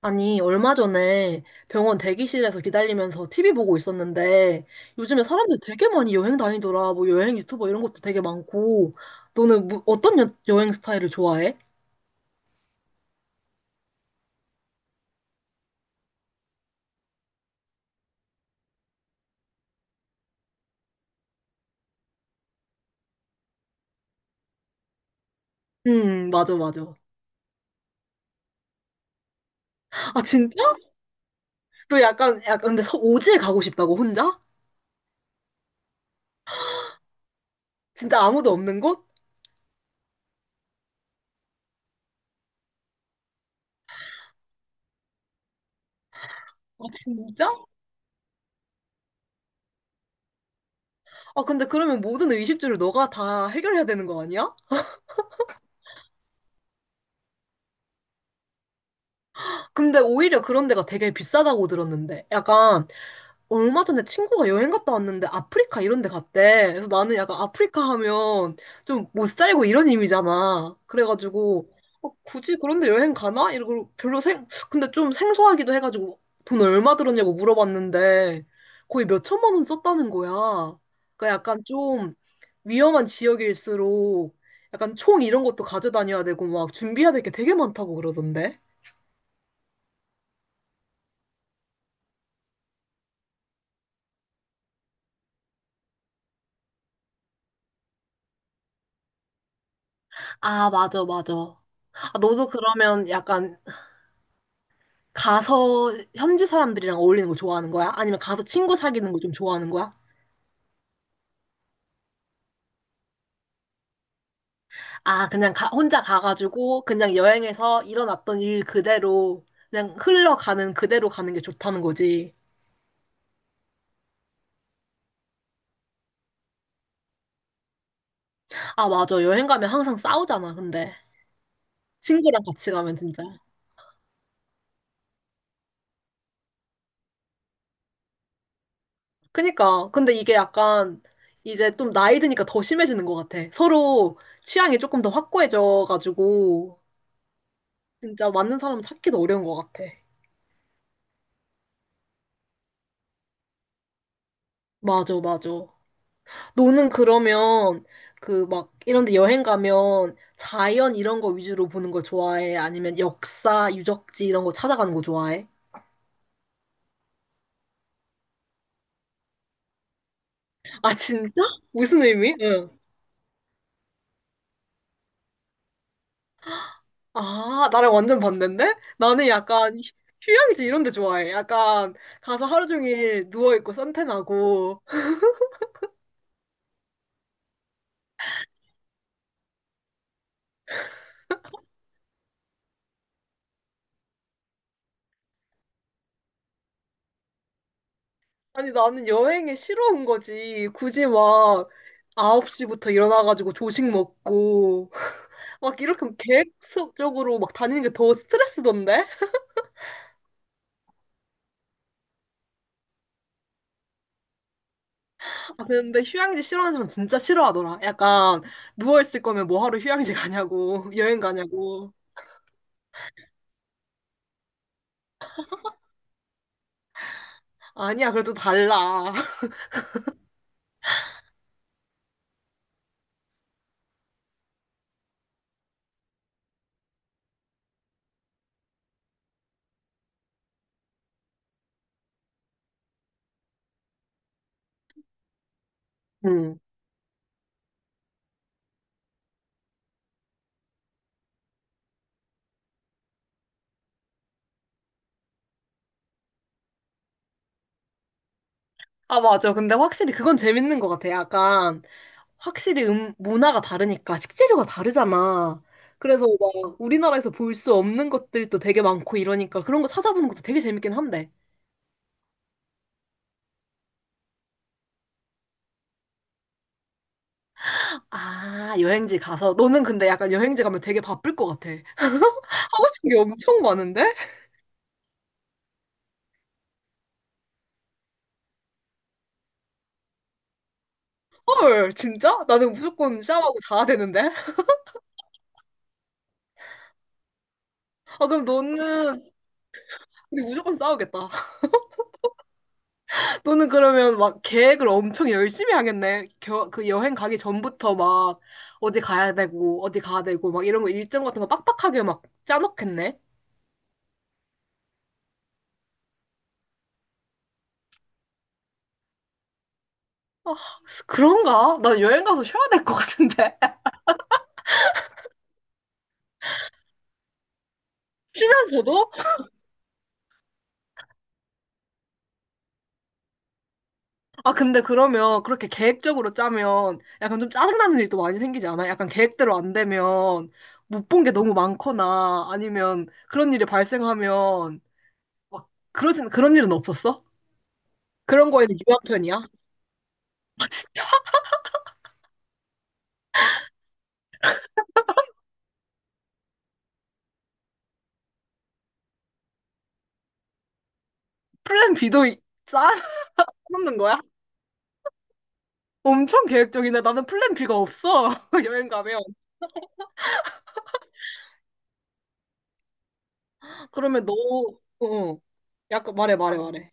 아니, 얼마 전에 병원 대기실에서 기다리면서 TV 보고 있었는데, 요즘에 사람들 되게 많이 여행 다니더라. 뭐 여행 유튜버 이런 것도 되게 많고, 너는 뭐, 어떤 여행 스타일을 좋아해? 맞아, 맞아. 아, 진짜? 너 약간, 약간, 근데 오지에 가고 싶다고, 혼자? 진짜 아무도 없는 곳? 아, 진짜? 아, 근데 그러면 모든 의식주를 너가 다 해결해야 되는 거 아니야? 근데 오히려 그런 데가 되게 비싸다고 들었는데. 약간, 얼마 전에 친구가 여행 갔다 왔는데 아프리카 이런 데 갔대. 그래서 나는 약간 아프리카 하면 좀 못 살고 이런 이미잖아. 그래가지고 어, 굳이 그런 데 여행 가나? 이러고 별로 생 근데 좀 생소하기도 해가지고 돈 얼마 들었냐고 물어봤는데 거의 몇 천만 원 썼다는 거야. 그러니까 약간 좀 위험한 지역일수록 약간 총 이런 것도 가져다녀야 되고 막 준비해야 될 게 되게 많다고 그러던데. 아, 맞아, 맞아. 아, 너도 그러면 약간 가서 현지 사람들이랑 어울리는 거 좋아하는 거야? 아니면 가서 친구 사귀는 거 좀 좋아하는 거야? 아, 그냥 혼자 가가지고 그냥 여행에서 일어났던 일 그대로 그냥 흘러가는 그대로 가는 게 좋다는 거지. 아, 맞아. 여행 가면 항상 싸우잖아, 근데. 친구랑 같이 가면 진짜. 그니까. 근데 이게 약간 이제 좀 나이 드니까 더 심해지는 것 같아. 서로 취향이 조금 더 확고해져가지고 진짜 맞는 사람 찾기도 어려운 것 같아. 맞아, 맞아. 너는 그러면 그 막 이런 데 여행 가면 자연 이런 거 위주로 보는 걸 좋아해? 아니면 역사, 유적지 이런 거 찾아가는 거 좋아해? 아, 진짜? 무슨 의미? 응. 아, 나랑 완전 반대인데? 나는 약간 휴양지 이런 데 좋아해. 약간 가서 하루 종일 누워있고 선탠하고. 아니, 나는 여행에 싫어온 거지. 굳이 막 9시부터 일어나가지고 조식 먹고. 막 이렇게 계획적으로 막 다니는 게 더 스트레스던데? 아, 근데 휴양지 싫어하는 사람 진짜 싫어하더라. 약간 누워있을 거면 뭐 하러 휴양지 가냐고, 여행 가냐고. 아니야, 그래도 달라. 음. 아, 맞아. 근데 확실히 그건 재밌는 것 같아. 약간 확실히 문화가 다르니까 식재료가 다르잖아. 그래서 막 우리나라에서 볼 수 없는 것들도 되게 많고 이러니까 그런 거 찾아보는 것도 되게 재밌긴 한데. 아, 여행지 가서. 너는 근데 약간 여행지 가면 되게 바쁠 것 같아. 하고 싶은 게 엄청 많은데? 헐, 진짜? 나는 무조건 샤워하고 자야 되는데? 아, 그럼 너는, 우리 무조건 싸우겠다. 너는 그러면 막 계획을 엄청 열심히 하겠네. 그 여행 가기 전부터 막 어디 가야 되고, 어디 가야 되고, 막 이런 거 일정 같은 거 빡빡하게 막 짜놓겠네. 아, 그런가? 난 여행 가서 쉬어야 될 것 같은데. 쉬면서도? 아, 근데 그러면 그렇게 계획적으로 짜면 약간 좀 짜증나는 일도 많이 생기지 않아? 약간 계획대로 안 되면 못 본 게 너무 많거나 아니면 그런 일이 발생하면 막 그런 일은 없었어? 그런 거에는 유한 편이야? 아, 진짜? 플랜 B도 짜놓는 거야? 엄청 계획적이네. 나는 플랜 B가 없어. 여행 가면. 그러면 너, 어, 어. 약간 말해, 말해, 말해.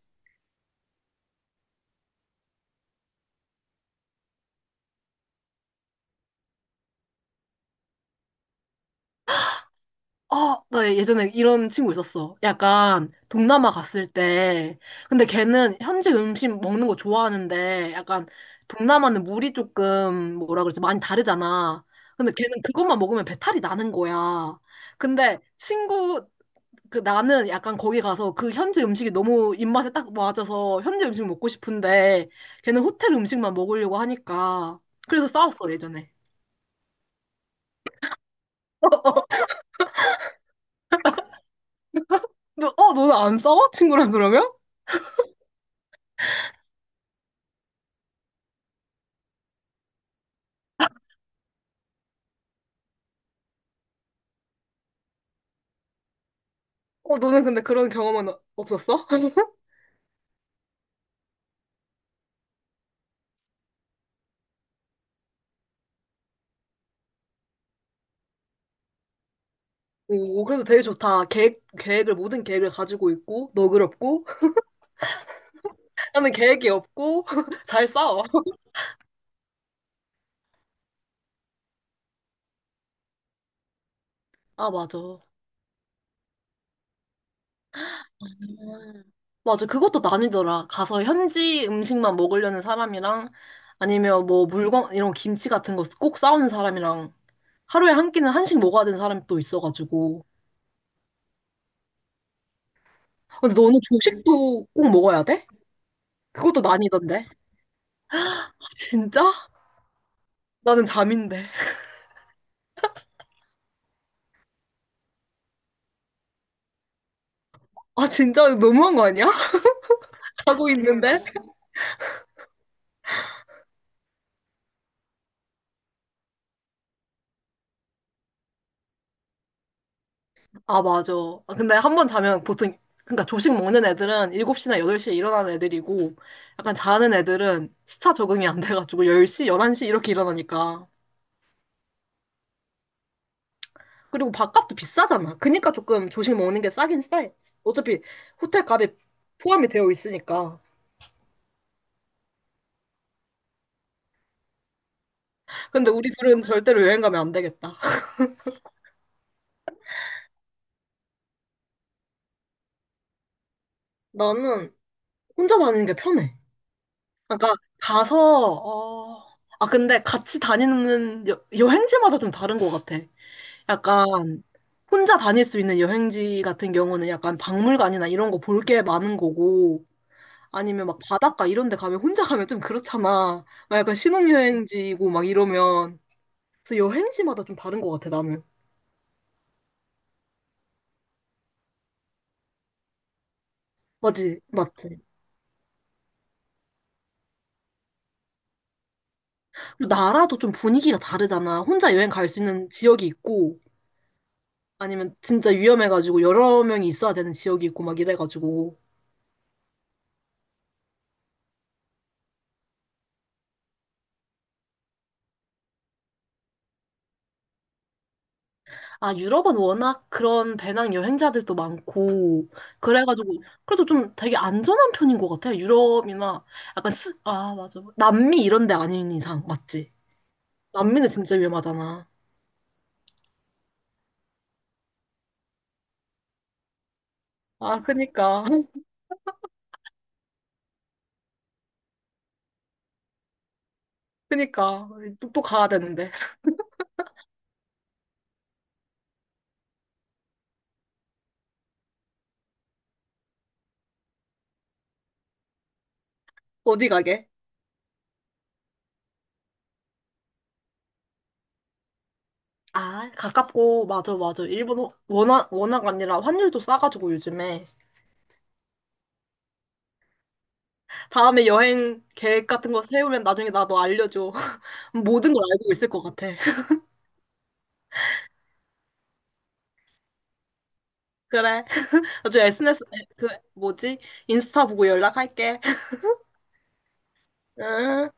아, 나 예전에 이런 친구 있었어. 약간 동남아 갔을 때. 근데 걔는 현지 음식 먹는 거 좋아하는데 약간 동남아는 물이 조금 뭐라 그러지? 많이 다르잖아. 근데 걔는 그것만 먹으면 배탈이 나는 거야. 근데 친구, 그 나는 약간 거기 가서 그 현지 음식이 너무 입맛에 딱 맞아서 현지 음식 먹고 싶은데 걔는 호텔 음식만 먹으려고 하니까 그래서 싸웠어 예전에. 너, 어 너는 안 싸워? 친구랑 그러면? 어 너는 근데 그런 경험은 없었어? 오 그래도 되게 좋다. 계획을 모든 계획을 가지고 있고 너그럽고 나는 계획이 없고 잘 싸워. 아 맞아. 음. 맞아, 그것도 나뉘더라. 가서 현지 음식만 먹으려는 사람이랑 아니면 뭐 물건, 이런 김치 같은 거 꼭 싸오는 사람이랑 하루에 한 끼는 한식 먹어야 되는 사람이 또 있어가지고. 근데 너는 조식도 꼭 먹어야 돼? 그것도 나뉘던데. 아, 진짜? 나는 잠인데. 아, 진짜 너무한 거 아니야? 자고 있는데? 아, 맞아. 아, 근데 한 번 자면 보통, 그러니까 조식 먹는 애들은 7시나 8시에 일어나는 애들이고, 약간 자는 애들은 시차 적응이 안 돼가지고 10시, 11시 이렇게 일어나니까. 그리고 밥값도 비싸잖아. 그니까 조금 조식 먹는 게 싸긴 싸. 어차피 호텔 값에 포함이 되어 있으니까. 근데 우리 둘은 절대로 여행 가면 안 되겠다. 나는 혼자 다니는 게 편해. 그러니까 가서, 어, 아, 근데 같이 다니는 여행지마다 좀 다른 것 같아. 약간 혼자 다닐 수 있는 여행지 같은 경우는 약간 박물관이나 이런 거 볼 게 많은 거고 아니면 막 바닷가 이런 데 가면 혼자 가면 좀 그렇잖아. 막 약간 신혼여행지고 막 이러면 그래서 여행지마다 좀 다른 것 같아 나는. 맞지? 맞지? 그리고 나라도 좀 분위기가 다르잖아. 혼자 여행 갈 수 있는 지역이 있고 아니면 진짜 위험해가지고 여러 명이 있어야 되는 지역이 있고 막 이래가지고 아, 유럽은 워낙 그런 배낭 여행자들도 많고, 그래가지고, 그래도 좀 되게 안전한 편인 것 같아요. 유럽이나, 약간 아, 맞아. 남미 이런 데 아닌 이상, 맞지? 남미는 진짜 위험하잖아. 아, 그니까. 그니까. 또, 또 가야 되는데. 어디 가게? 아, 가깝고, 맞아, 맞아. 일본 워낙, 워낙 아니라 환율도 싸가지고 요즘에. 다음에 여행 계획 같은 거 세우면 나중에 나도 알려줘. 모든 걸 알고 있을 것 같아. 그래. 나중에 SNS, 그, 뭐지? 인스타 보고 연락할게. 응.